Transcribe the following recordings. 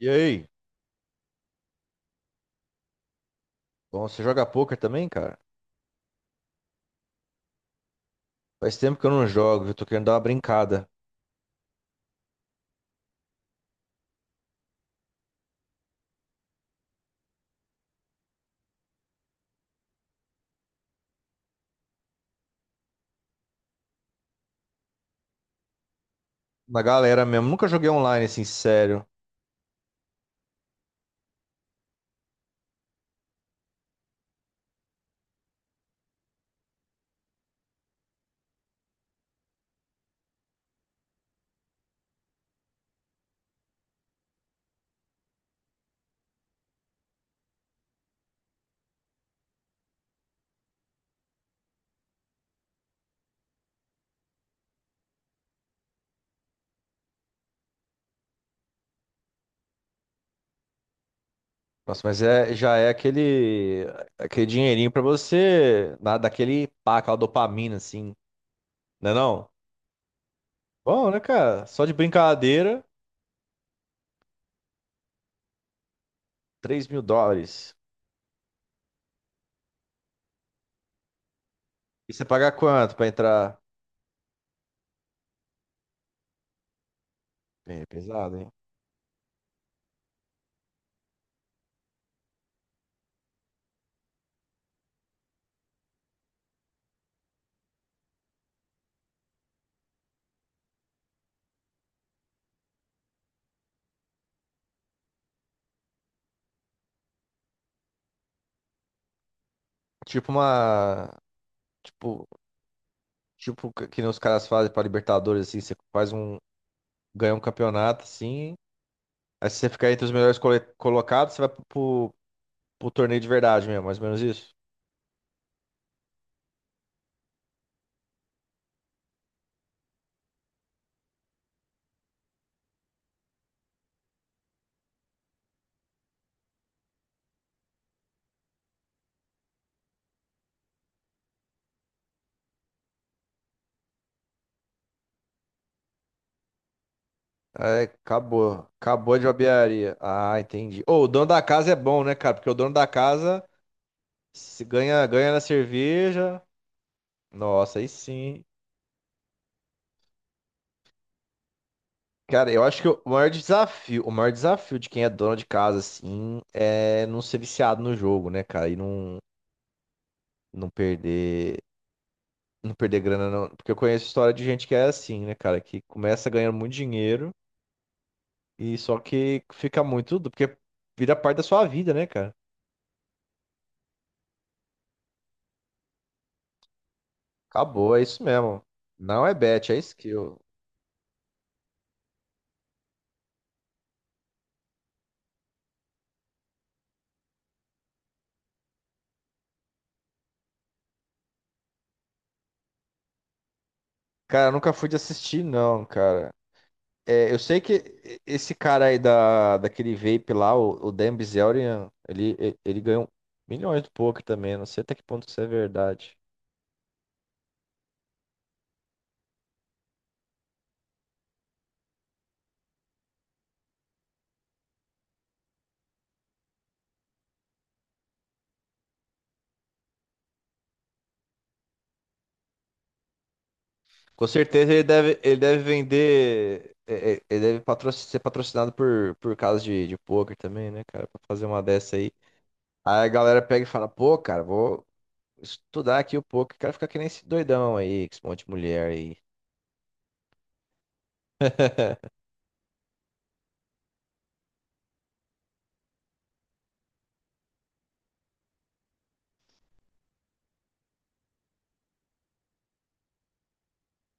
E aí? Bom, você joga poker também, cara? Faz tempo que eu não jogo, eu tô querendo dar uma brincada. Na galera mesmo, nunca joguei online assim, sério. Nossa, mas é, já é aquele dinheirinho pra você, na, daquele pá, aquela dopamina assim, né não? Bom, né, cara? Só de brincadeira, 3.000 dólares. E você paga quanto pra entrar? É pesado, hein? Tipo uma... Tipo, tipo que nem os caras fazem pra Libertadores, assim, você faz um... ganha um campeonato, assim, aí se você ficar entre os melhores colocados, você vai pro torneio de verdade mesmo, mais ou menos isso. É, acabou. Acabou de barbearia. Ah, entendi. Ô, o dono da casa é bom, né, cara? Porque o dono da casa, se ganha, ganha na cerveja. Nossa, aí sim. Cara, eu acho que o maior desafio de quem é dono de casa, assim, é não ser viciado no jogo, né, cara? E não, não perder, não perder grana, não. Porque eu conheço história de gente que é assim, né, cara? Que começa ganhando muito dinheiro. E só que fica muito, porque vira parte da sua vida, né, cara? Acabou, é isso mesmo. Não é bet, é skill. Cara, eu nunca fui de assistir, não, cara. É, eu sei que esse cara aí da, daquele vape lá, o Dan Bilzerian, ele ganhou milhões do poker também. Não sei até que ponto isso é verdade. Com certeza ele deve, vender. Ele deve ser patrocinado por casas de poker também, né, cara? Pra fazer uma dessa aí. Aí a galera pega e fala, pô, cara, vou estudar aqui um pouco. Quero ficar que nem esse doidão aí, com esse monte de mulher aí.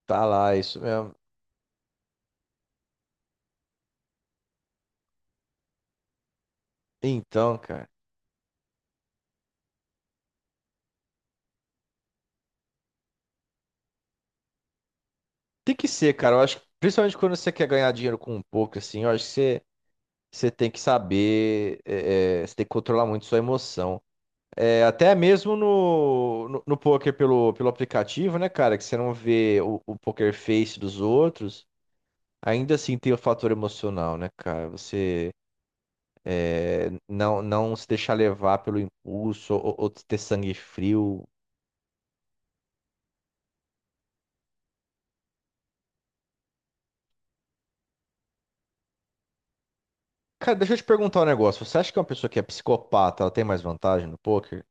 Tá lá, isso mesmo. Então, cara, tem que ser, cara. Eu acho que, principalmente quando você quer ganhar dinheiro com um pouco, assim, eu acho que você tem que saber, você tem que controlar muito sua emoção. É, até mesmo no poker pelo aplicativo, né, cara, que você não vê o poker face dos outros, ainda assim tem o fator emocional, né, cara? Você. É, não, não se deixar levar pelo impulso, ou ter sangue frio. Cara, deixa eu te perguntar um negócio. Você acha que uma pessoa que é psicopata, ela tem mais vantagem no poker?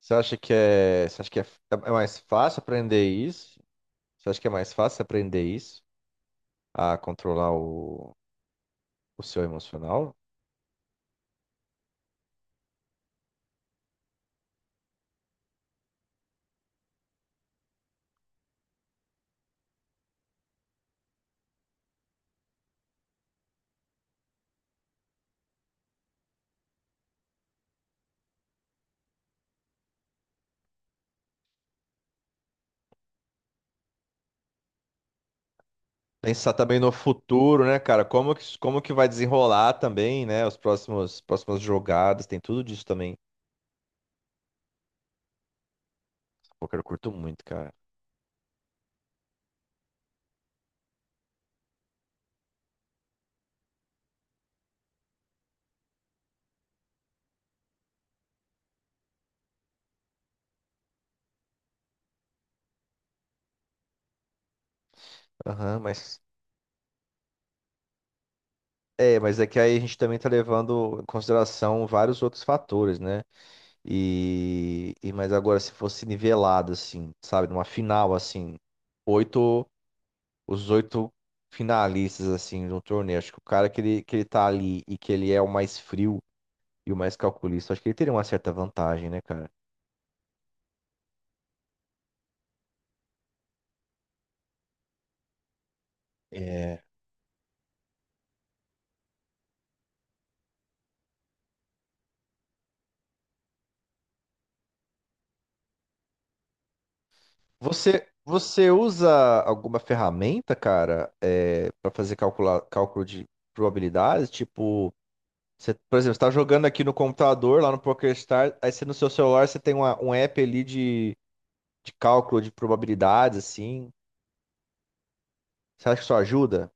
Você acha que é mais fácil aprender isso? Você acha que é mais fácil aprender isso? A controlar o seu emocional? Pensar também no futuro, né, cara? como que, vai desenrolar também, né? Próximas jogadas, tem tudo disso também. Poker eu curto muito, cara. Aham, mas é que aí a gente também está levando em consideração vários outros fatores, né? Mas agora se fosse nivelado assim, sabe, numa final assim, oito, os oito finalistas assim de um torneio, acho que o cara que ele tá ali e que ele é o mais frio e o mais calculista, acho que ele teria uma certa vantagem, né, cara? É. Você usa alguma ferramenta, cara, para fazer cálculo de probabilidades, tipo, você, por exemplo, você tá jogando aqui no computador, lá no PokerStars, aí você no seu celular você tem um app ali de cálculo de probabilidades, assim. Você acha que isso ajuda?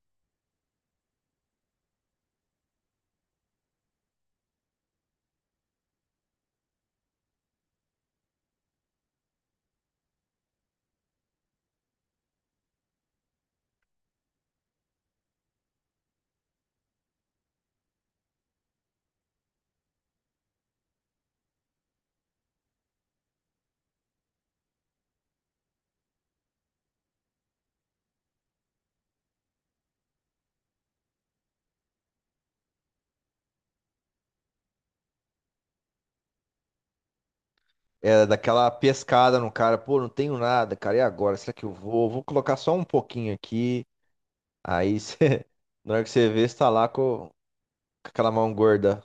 É daquela pescada no cara, pô, não tenho nada, cara, e agora? Será que eu vou? Vou colocar só um pouquinho aqui. Aí você, na hora que você vê, você tá lá com, aquela mão gorda.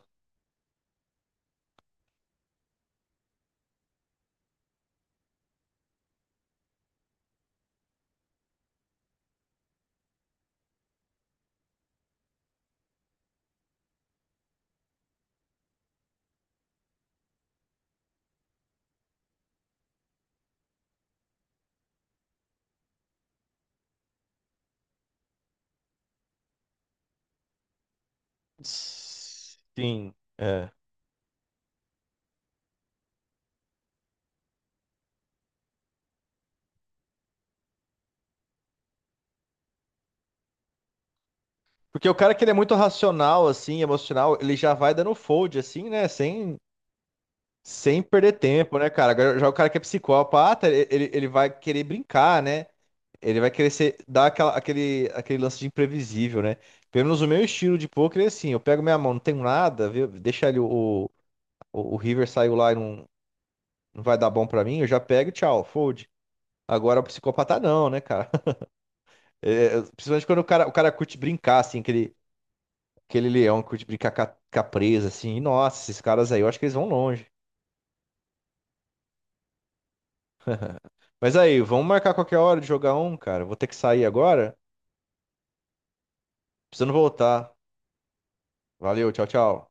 Sim, é. Porque o cara que ele é muito racional, assim, emocional, ele já vai dando fold, assim, né? Sem perder tempo, né, cara? Agora, já o cara que é psicopata, ele vai querer brincar, né? Ele vai querer dar aquele lance de imprevisível, né? Pelo menos o meu estilo de poker é assim: eu pego minha mão, não tenho nada, viu? Deixa ele, o River saiu lá e não vai dar bom pra mim, eu já pego e tchau, fold. Agora o psicopata não, né, cara? É, principalmente quando o cara, curte brincar, assim, aquele leão que curte brincar com a presa, assim. Nossa, esses caras aí, eu acho que eles vão longe. Mas aí, vamos marcar qualquer hora de jogar um, cara. Vou ter que sair agora. Precisando voltar. Valeu, tchau, tchau.